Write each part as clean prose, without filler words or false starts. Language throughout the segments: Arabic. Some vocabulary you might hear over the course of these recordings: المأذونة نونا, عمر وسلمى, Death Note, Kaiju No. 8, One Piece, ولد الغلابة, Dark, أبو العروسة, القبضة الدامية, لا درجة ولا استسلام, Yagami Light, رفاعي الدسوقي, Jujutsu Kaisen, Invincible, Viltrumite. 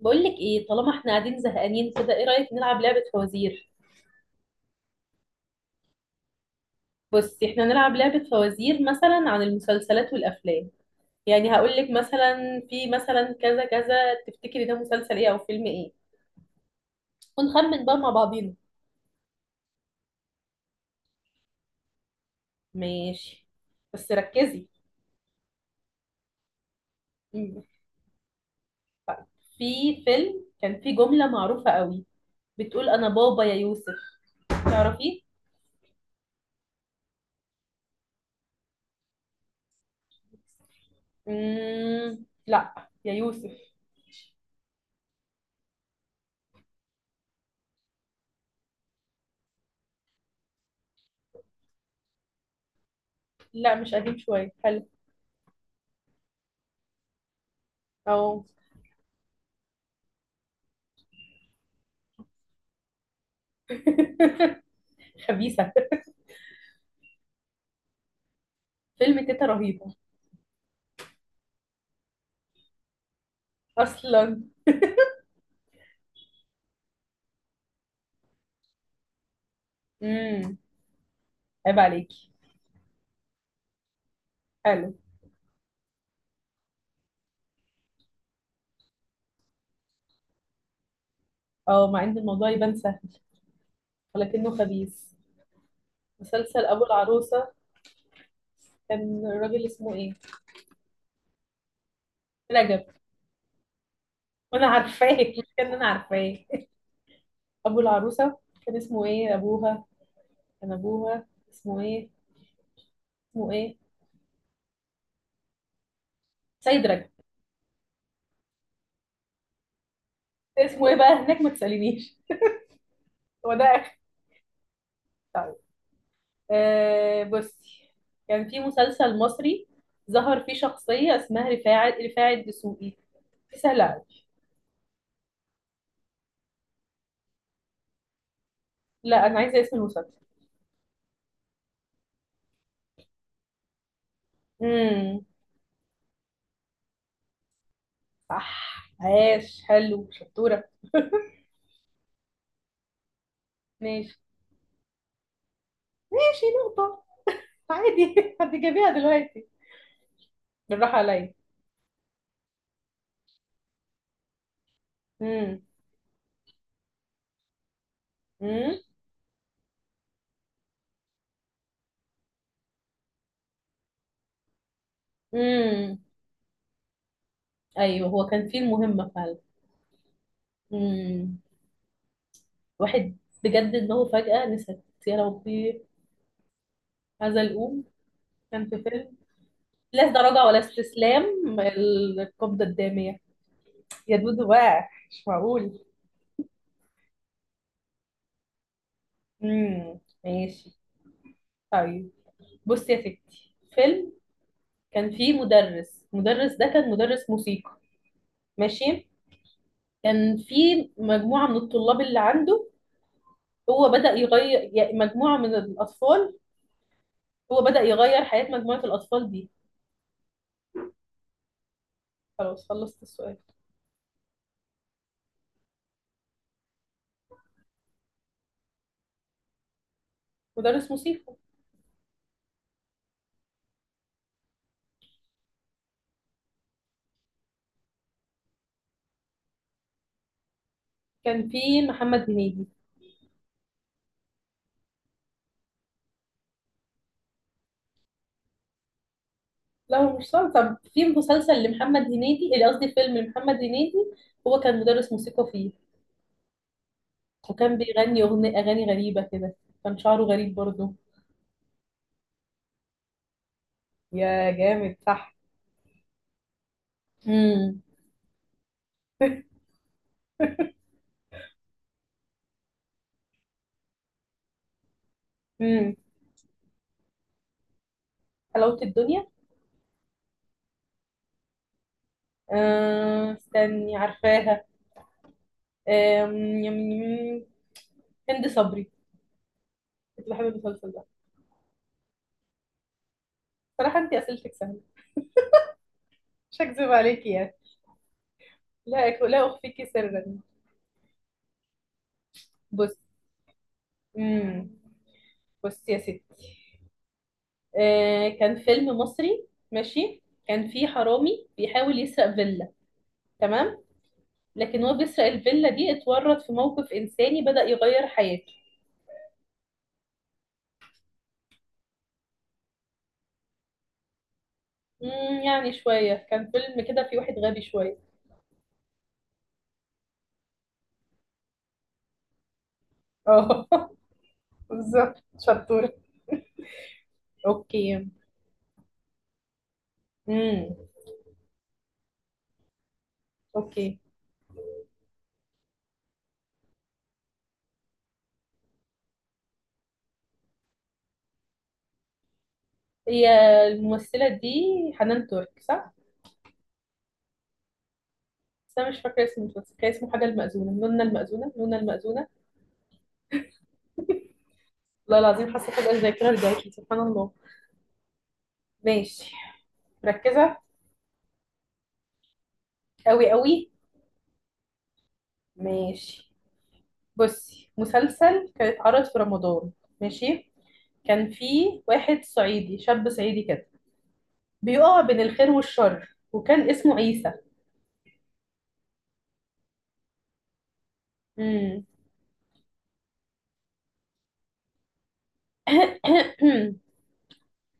بقول لك ايه، طالما احنا قاعدين زهقانين كده، ايه رأيك نلعب لعبة فوازير؟ بصي، احنا نلعب لعبة فوازير مثلا عن المسلسلات والافلام. يعني هقول لك مثلا في مثلا كذا كذا، تفتكري ده مسلسل ايه او فيلم ايه؟ ونخمن بقى مع بعضينا. ماشي. بس ركزي. مم. طيب. في فيلم كان فيه جملة معروفة قوي، بتقول: انا بابا يا يوسف. تعرفيه؟ مم، لا. يا يوسف. لا، مش قديم شوية، حلو. او. خبيثة. فيلم تيتا رهيبة. أصلا. امم. عيب عليكي. حلو. اه، مع إن الموضوع يبان سهل، ولكنه خبيث. مسلسل أبو العروسة، كان الراجل اسمه إيه؟ رجب. وأنا عارفاه مش كان أنا عارفاه؟ أبو العروسة، كان اسمه إيه أبوها؟ كان أبوها اسمه إيه؟ اسمه إيه؟ سيد رجب. اسمه إيه بقى هناك؟ ما تسألينيش. هو ده آخر. طيب. آه، بصي. كان في مسلسل مصري، ظهر فيه شخصية اسمها رفاعي الدسوقي. في، سهل أوي. لا، انا عايزه اسم المسلسل. امم. صح. عاش، حلو، شطوره. ماشي. ماشي، نقطه. عادي، هتجيبيها دلوقتي. بالراحه عليا. امم. امم. امم. ايوه، هو كان فيه المهمه فعلا. امم. واحد. بجد ان هو فجاه نسيت يا ربي. هذا الأم. كان في فيلم، لا درجة ولا استسلام، القبضة الدامية. يا دودو، بقى مش معقول. امم، ماشي. طيب. بصي يا ستي، فيلم. كان في مدرس، المدرس ده كان مدرس موسيقى. ماشي. كان في مجموعة من الطلاب اللي عنده. هو بدأ يغير، يعني مجموعة من الأطفال، هو بدأ يغير حياة مجموعة الأطفال دي. خلاص، خلصت السؤال. مدرس موسيقى. كان في محمد هنيدي. لا، هو مش صار. طب في مسلسل لمحمد هنيدي، اللي قصدي فيلم لمحمد هنيدي. هو كان مدرس موسيقى فيه. وكان بيغني أغاني غريبة كده. كان شعره غريب برضه. يا جامد، صح. امم. امم. حلاوة الدنيا. آه، استني، عارفاها. آه، هند صبري. كنت بحب المسلسل ده. صراحة، انت اسئلتك سهلة. مش هكذب عليكي يعني. لا، لا اخفيكي سرا. بص. امم. بص يا ستي، آه، كان فيلم مصري، ماشي، كان فيه حرامي بيحاول يسرق فيلا. تمام. لكن هو بيسرق الفيلا دي، اتورط في موقف انساني، بدأ يغير حياته. امم. يعني شوية، كان فيلم كده فيه واحد غبي شوية. اه، بالظبط شطورة. اوكي. امم. اوكي. هي، الممثلة دي، حنان ترك، صح؟ بس انا مش فاكرة اسم المسلسل، كان اسمه حاجة، المأذونة نونا، المأذونة نونا، المأذونة. والله العظيم، حاسة فجأة الذاكرة رجعت لي، سبحان الله. ماشي. مركزة. قوي قوي. ماشي. بصي، مسلسل كان اتعرض في رمضان، ماشي. كان فيه واحد صعيدي، شاب صعيدي كده، بيقع بين الخير والشر، وكان اسمه عيسى. امم.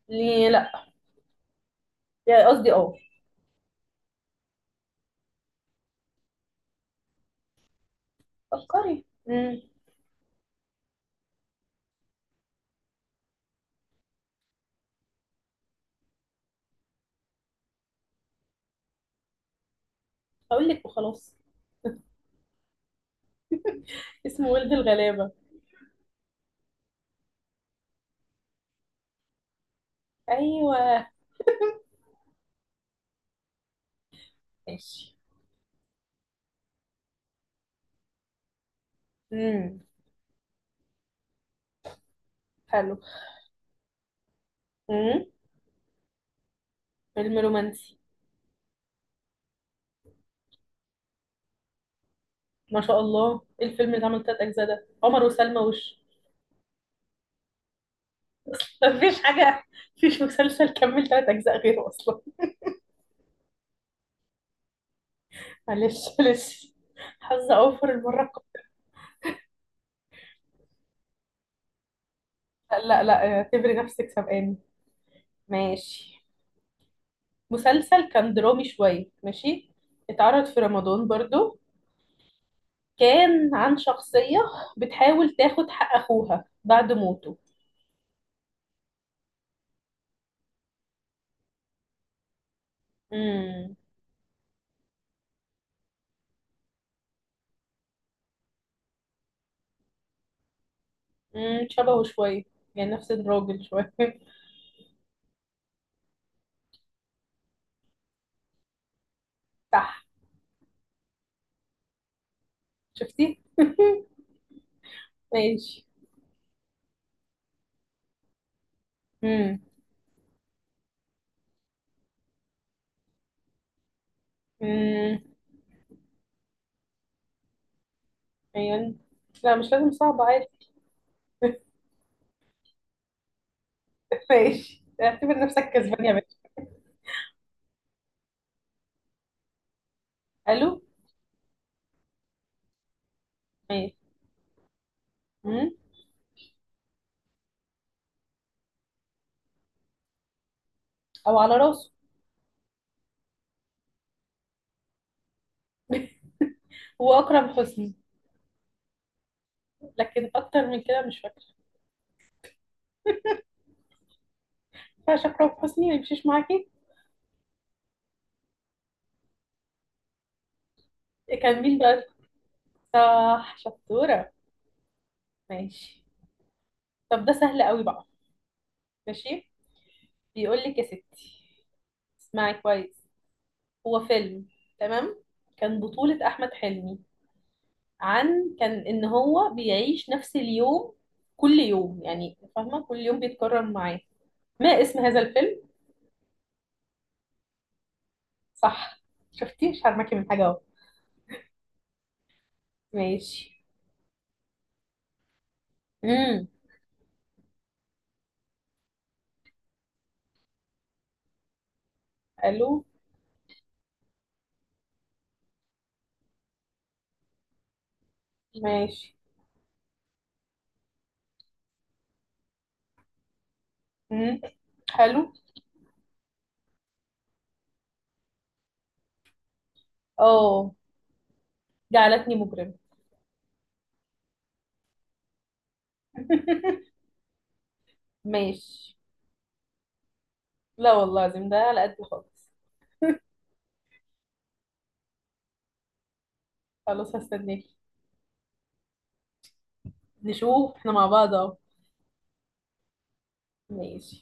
ليه لا؟ يعني قصدي، اه. فكري. امم. هقول لك وخلاص. اسمه ولد الغلابة. ايوه. ماشي. امم. حلو. امم. فيلم رومانسي. ما شاء الله، إيه الفيلم اللي عمل 3 اجزاء ده؟ عمر وسلمى وش. اصلا مفيش حاجة. مفيش مسلسل كمل 3 اجزاء غيره اصلا. معلش معلش. حظ اوفر المرة القادمة. لا لا، آه، اعتبري نفسك سبقاني. ماشي. مسلسل كان درامي شوية، ماشي، اتعرض في رمضان برضو. كان عن شخصية بتحاول تاخد حق أخوها بعد موته. مم. امم، شبهه شوية. يعني نفس الراجل شوية. صح. شفتي؟ ماشي. امم. امم. ايوه. لا، مش لازم صعب، عادي. ماشي، اعتبر نفسك كسبان يا باشا. الو. ماشي. امم. او على راسه. هو اكرم حسني. لكن اكتر من كده مش فاكره. فاش اكرم حسني ما يمشيش معاكي. كان مين بقى؟ صح، شطوره. ماشي. طب ده سهل قوي بقى. ماشي. بيقول لك يا ستي، اسمعي كويس. هو فيلم، تمام، كان بطولة أحمد حلمي، عن كان ان هو بيعيش نفس اليوم، كل يوم، يعني فاهمه، كل يوم بيتكرر معاه. ما اسم هذا الفيلم؟ صح. شفتي؟ مش هرمكي من حاجه اهو. ماشي. امم. الو. ماشي. امم. حلو. اه، جعلتني مجرم. ماشي. لا والله العظيم، ده على قد خالص. خلاص، هستناكي. نشوف احنا مع بعض اهو. ماشي.